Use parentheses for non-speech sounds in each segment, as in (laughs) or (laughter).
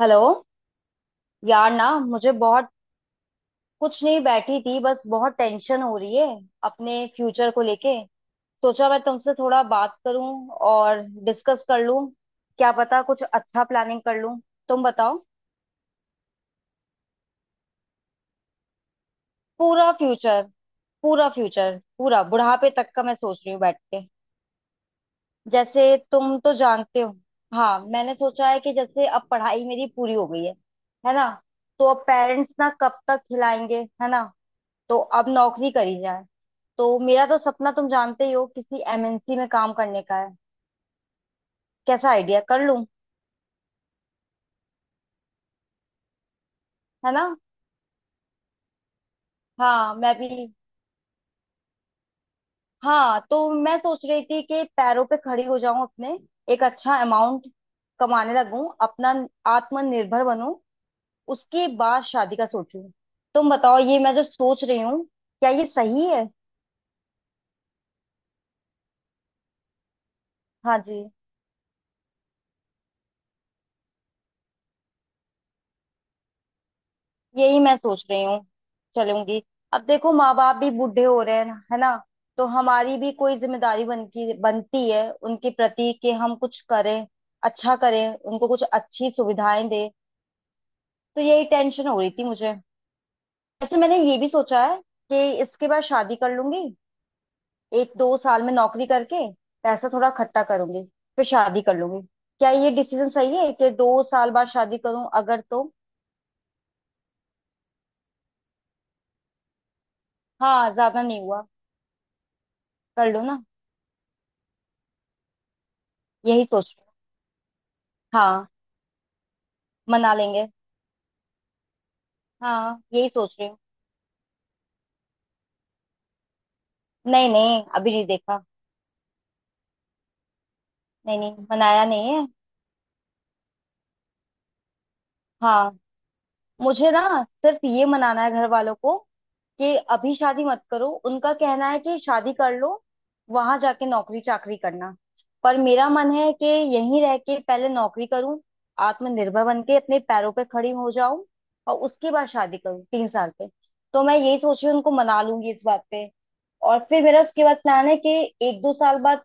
Hello. यार ना मुझे बहुत कुछ नहीं, बैठी थी बस। बहुत टेंशन हो रही है अपने फ्यूचर को लेके। सोचा मैं तुमसे थोड़ा बात करूं और डिस्कस कर लूं, क्या पता कुछ अच्छा प्लानिंग कर लूं। तुम बताओ। पूरा फ्यूचर पूरा फ्यूचर पूरा बुढ़ापे तक का मैं सोच रही हूँ बैठ के। जैसे तुम तो जानते हो। हाँ मैंने सोचा है कि जैसे अब पढ़ाई मेरी पूरी हो गई है ना। तो अब पेरेंट्स ना कब तक खिलाएंगे, है ना। तो अब नौकरी करी जाए। तो मेरा तो सपना तुम जानते ही हो, किसी एमएनसी में काम करने का है। कैसा आइडिया कर लूं। है ना। हाँ मैं भी। हाँ तो मैं सोच रही थी कि पैरों पे खड़ी हो जाऊं अपने। एक अच्छा अमाउंट कमाने लगूं अपना, आत्मनिर्भर बनूं। उसके बाद शादी का सोचूं। तुम बताओ ये मैं जो सोच रही हूँ क्या ये सही है। हाँ जी। यही मैं सोच रही हूँ। चलूंगी। अब देखो माँ बाप भी बूढ़े हो रहे हैं है ना। तो हमारी भी कोई जिम्मेदारी बनती बनती है उनके प्रति कि हम कुछ करें, अच्छा करें, उनको कुछ अच्छी सुविधाएं दें। तो यही टेंशन हो रही थी मुझे। वैसे मैंने ये भी सोचा है कि इसके बाद शादी कर लूंगी। 1-2 साल में नौकरी करके पैसा थोड़ा इकट्ठा करूंगी, फिर शादी कर लूंगी। क्या ये डिसीजन सही है कि 2 साल बाद शादी करूं, अगर तो। हाँ ज्यादा नहीं हुआ। कर लो ना। यही सोच रही हूँ। हाँ मना लेंगे। हाँ यही सोच रही हूँ। नहीं नहीं, अभी नहीं देखा। नहीं नहीं, मनाया नहीं है। हाँ। मुझे ना सिर्फ ये मनाना है घर वालों को कि अभी शादी मत करो। उनका कहना है कि शादी कर लो, वहां जाके नौकरी चाकरी करना। पर मेरा मन है कि यहीं रह के पहले नौकरी करूं, आत्मनिर्भर बन के अपने पैरों पे खड़ी हो जाऊं, और उसके बाद शादी करूं 3 साल पे। तो मैं यही सोच रही हूँ उनको मना लूंगी इस बात पे। और फिर मेरा उसके बाद प्लान है कि 1-2 साल बाद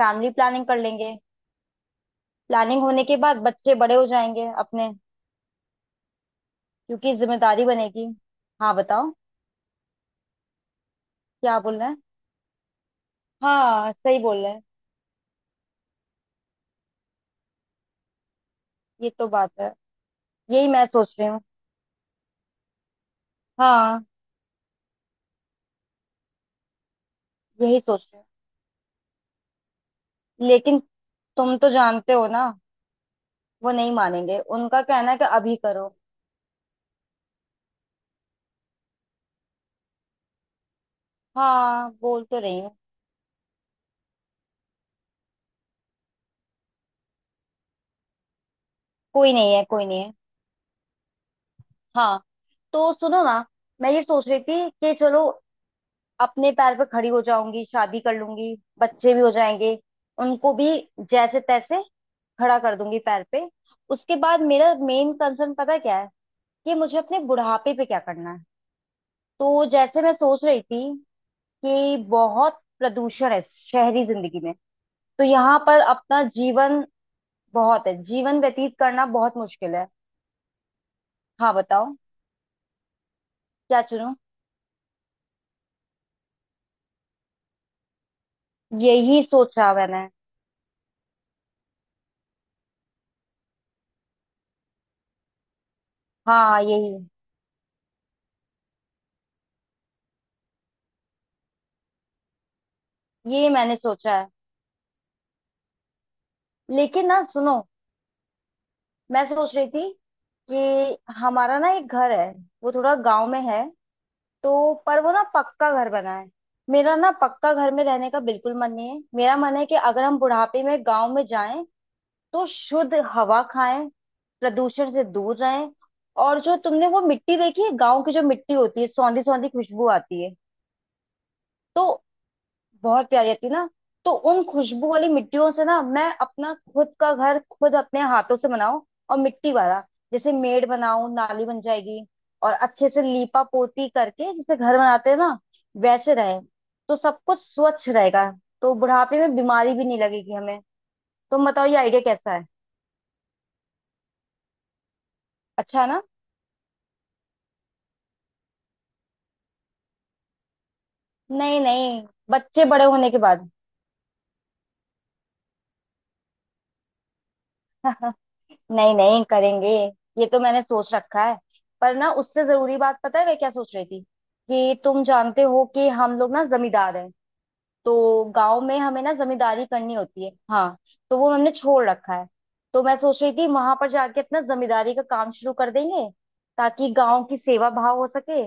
फैमिली प्लानिंग कर लेंगे। प्लानिंग होने के बाद बच्चे बड़े हो जाएंगे अपने, क्योंकि जिम्मेदारी बनेगी। हाँ बताओ। क्या बोल रहे हैं। हाँ सही बोल रहे हैं। ये तो बात है। यही मैं सोच रही हूँ। हाँ यही सोच रही हूँ लेकिन तुम तो जानते हो ना, वो नहीं मानेंगे, उनका कहना है कि अभी करो। हाँ बोल तो रही हूँ। कोई नहीं है, कोई नहीं है। हाँ। तो सुनो ना, मैं ये सोच रही थी कि चलो अपने पैर पे खड़ी हो जाऊंगी, शादी कर लूंगी, बच्चे भी हो जाएंगे। उनको भी जैसे तैसे खड़ा कर दूंगी पैर पे। उसके बाद मेरा मेन कंसर्न पता है क्या है, कि मुझे अपने बुढ़ापे पे क्या करना है। तो जैसे मैं सोच रही थी कि बहुत प्रदूषण है शहरी जिंदगी में। तो यहाँ पर अपना जीवन बहुत है, जीवन व्यतीत करना बहुत मुश्किल है। हाँ बताओ। क्या चुनूं। यही सोचा मैंने। हाँ यही। ये मैंने सोचा है। लेकिन ना सुनो, मैं सोच रही थी कि हमारा ना एक घर है, वो थोड़ा गांव में है। तो पर वो ना पक्का घर बना है। मेरा ना पक्का घर में रहने का बिल्कुल मन नहीं है। मेरा मन है कि अगर हम बुढ़ापे में गांव में जाएं तो शुद्ध हवा खाएं, प्रदूषण से दूर रहें। और जो तुमने वो मिट्टी देखी है गांव की, जो मिट्टी होती है सौंधी सौंधी खुशबू आती है। तो बहुत प्यारी आती है ना। तो उन खुशबू वाली मिट्टियों से ना मैं अपना खुद का घर खुद अपने हाथों से बनाऊं। और मिट्टी वाला जैसे मेड़ बनाऊं, नाली बन जाएगी। और अच्छे से लीपा पोती करके जैसे घर बनाते हैं ना वैसे रहे। तो सब कुछ स्वच्छ रहेगा। तो बुढ़ापे में बीमारी भी नहीं लगेगी हमें। तुम बताओ ये आइडिया कैसा है। अच्छा है ना। नहीं नहीं, बच्चे बड़े होने के बाद। (laughs) नहीं नहीं करेंगे। ये तो मैंने सोच रखा है। पर ना उससे जरूरी बात पता है मैं क्या सोच रही थी, कि तुम जानते हो कि हम लोग ना जमींदार हैं। तो गांव में हमें ना जमींदारी करनी होती है, हाँ। तो वो हमने छोड़ रखा है। तो मैं सोच रही थी वहां पर जाके अपना जमींदारी का काम शुरू कर देंगे, ताकि गांव की सेवा भाव हो सके।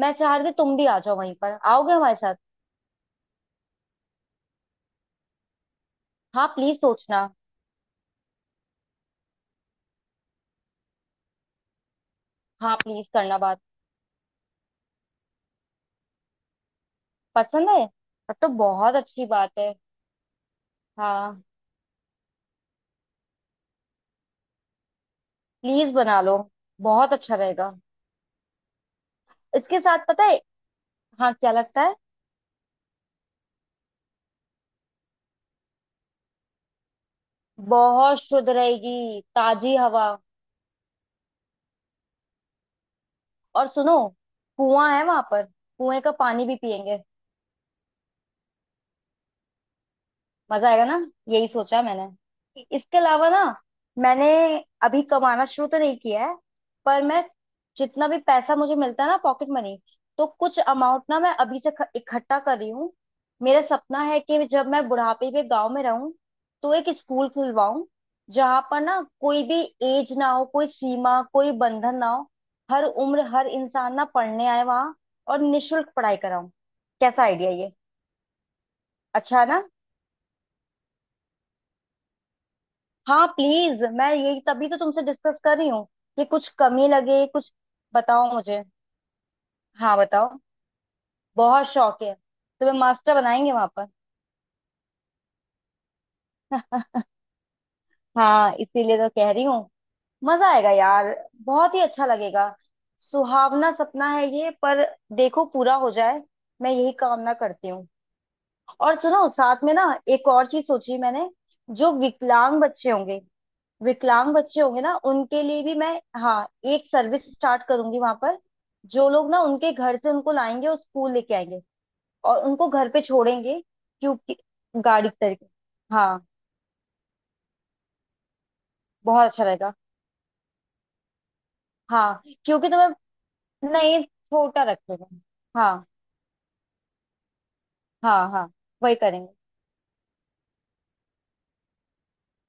मैं चाह रही थी तुम भी आ जाओ, वहीं पर आओगे हमारे साथ। हाँ प्लीज सोचना। हाँ प्लीज करना बात। पसंद है, तब तो बहुत अच्छी बात है। हाँ प्लीज बना लो, बहुत अच्छा रहेगा। इसके साथ पता है। हाँ क्या लगता है। बहुत शुद्ध रहेगी ताजी हवा। और सुनो, कुआं है वहां पर। कुएं का पानी भी पियेंगे। मजा आएगा ना। यही सोचा मैंने। इसके अलावा ना, मैंने अभी कमाना शुरू तो नहीं किया है, पर मैं जितना भी पैसा मुझे मिलता है ना पॉकेट मनी, तो कुछ अमाउंट ना मैं अभी से इकट्ठा कर रही हूँ। मेरा सपना है कि जब मैं बुढ़ापे में गांव में रहूं, तो एक स्कूल खुलवाऊं, जहां पर ना कोई भी एज ना हो, कोई सीमा कोई बंधन ना हो, हर उम्र हर इंसान ना पढ़ने आए वहां, और निशुल्क पढ़ाई कराऊं। कैसा आइडिया ये। अच्छा है ना। हाँ प्लीज मैं यही तभी तो तुमसे डिस्कस कर रही हूँ, कि कुछ कमी लगे कुछ। बताओ मुझे। हाँ बताओ। बहुत शौक है। तुम्हें मास्टर बनाएंगे वहां पर। (laughs) हाँ इसीलिए तो कह रही हूँ। मजा आएगा यार, बहुत ही अच्छा लगेगा। सुहावना सपना है ये, पर देखो पूरा हो जाए, मैं यही कामना करती हूँ। और सुनो साथ में ना, एक और चीज सोची मैंने। जो विकलांग बच्चे होंगे। विकलांग बच्चे होंगे ना उनके लिए भी मैं। हाँ। एक सर्विस स्टार्ट करूंगी वहां पर, जो लोग ना उनके घर से उनको लाएंगे और स्कूल लेके आएंगे और उनको घर पे छोड़ेंगे। क्योंकि गाड़ी के तरीके। हाँ, बहुत अच्छा रहेगा। हाँ क्योंकि तुम्हें। नहीं छोटा रखेगा। हाँ हाँ हाँ। वही करेंगे।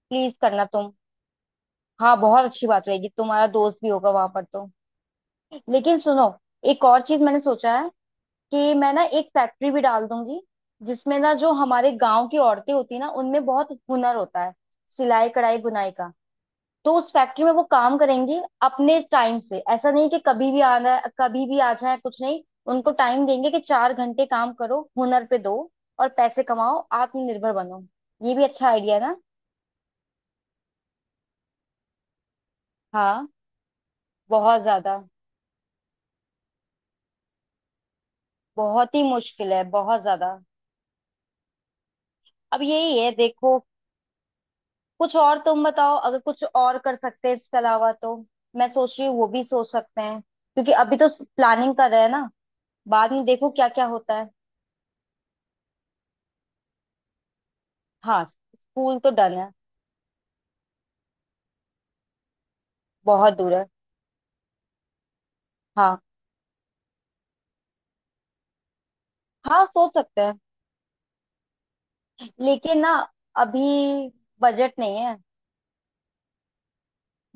प्लीज करना तुम। हाँ बहुत अच्छी बात रहेगी, तुम्हारा दोस्त भी होगा वहां पर तो। लेकिन सुनो, एक और चीज मैंने सोचा है, कि मैं ना एक फैक्ट्री भी डाल दूंगी। जिसमें ना जो हमारे गांव की औरतें होती है ना, उनमें बहुत हुनर होता है, सिलाई कढ़ाई बुनाई का। तो उस फैक्ट्री में वो काम करेंगी अपने टाइम से। ऐसा नहीं कि कभी भी आना, कभी भी आ जाए, कुछ नहीं। उनको टाइम देंगे कि 4 घंटे काम करो, हुनर पे दो, और पैसे कमाओ, आत्मनिर्भर बनो। ये भी अच्छा आइडिया ना। हाँ बहुत ज्यादा। बहुत ही मुश्किल है, बहुत ज्यादा। अब यही है देखो। कुछ और तुम बताओ, अगर कुछ और कर सकते हैं इसके अलावा तो। मैं सोच रही हूँ वो भी सोच सकते हैं, क्योंकि अभी तो प्लानिंग कर रहे हैं ना। बाद में देखो क्या क्या होता है। हाँ स्कूल तो डन है। बहुत दूर है। हाँ हाँ सोच सकते हैं। लेकिन ना अभी बजट नहीं है।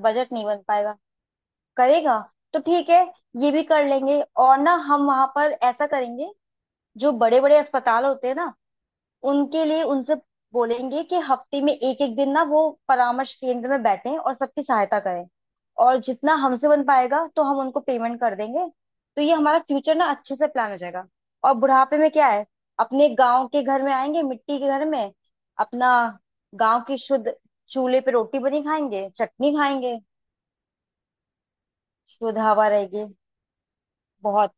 बजट नहीं बन पाएगा। करेगा। तो ठीक है। ये भी कर लेंगे। और ना हम वहां पर ऐसा करेंगे, जो बड़े बड़े अस्पताल होते हैं ना, उनके लिए उनसे बोलेंगे कि हफ्ते में एक एक दिन ना वो परामर्श केंद्र में बैठें और सबकी सहायता करें। और जितना हमसे बन पाएगा तो हम उनको पेमेंट कर देंगे। तो ये हमारा फ्यूचर ना अच्छे से प्लान हो जाएगा। और बुढ़ापे में क्या है, अपने गांव के घर में आएंगे, मिट्टी के घर में अपना। गांव की शुद्ध चूल्हे पे रोटी बनी खाएंगे, चटनी खाएंगे। शुद्ध हवा रहेगी। बहुत।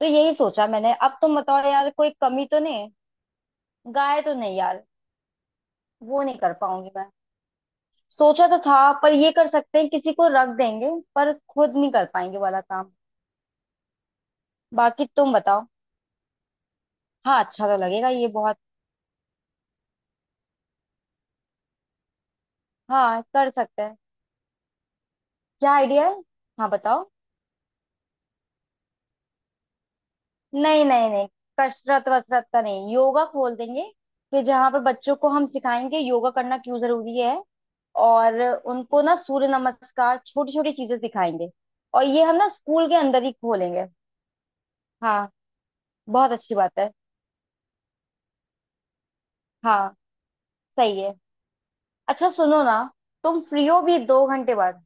तो यही सोचा मैंने। अब तुम बताओ यार कोई कमी तो नहीं। गाय तो नहीं यार, वो नहीं कर पाऊंगी मैं। सोचा तो था, पर ये कर सकते हैं, किसी को रख देंगे, पर खुद नहीं कर पाएंगे वाला काम। बाकी तुम बताओ। हाँ अच्छा तो लगेगा ये बहुत। हाँ कर सकते हैं। क्या आइडिया है। हाँ बताओ। नहीं नहीं नहीं, कसरत वसरत का नहीं, योगा खोल देंगे। कि जहाँ पर बच्चों को हम सिखाएंगे योगा करना क्यों जरूरी है। और उनको ना सूर्य नमस्कार, छोटी छोटी चीजें सिखाएंगे। और ये हम ना स्कूल के अंदर ही खोलेंगे। हाँ बहुत अच्छी बात है। हाँ सही है। अच्छा सुनो ना, तुम फ्री हो भी 2 घंटे बाद।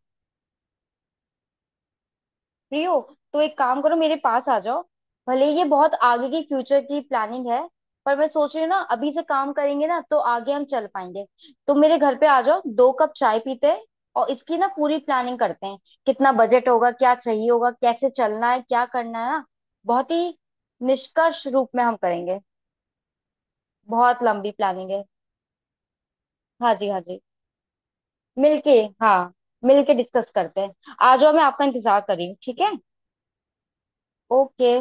फ्री हो। तो एक काम करो, मेरे पास आ जाओ। भले ही ये बहुत आगे की फ्यूचर की प्लानिंग है, पर मैं सोच रही हूँ ना अभी से काम करेंगे ना तो आगे हम चल पाएंगे। तो मेरे घर पे आ जाओ, 2 कप चाय पीते हैं और इसकी ना पूरी प्लानिंग करते हैं। कितना बजट होगा, क्या चाहिए होगा, कैसे चलना है, क्या करना है ना। बहुत ही निष्कर्ष रूप में हम करेंगे। बहुत लंबी प्लानिंग है। हाँ जी, हाँ जी। मिलके। हाँ मिलके डिस्कस करते हैं। आ जाओ, मैं आपका इंतजार कर रही हूँ, ठीक है। ओके।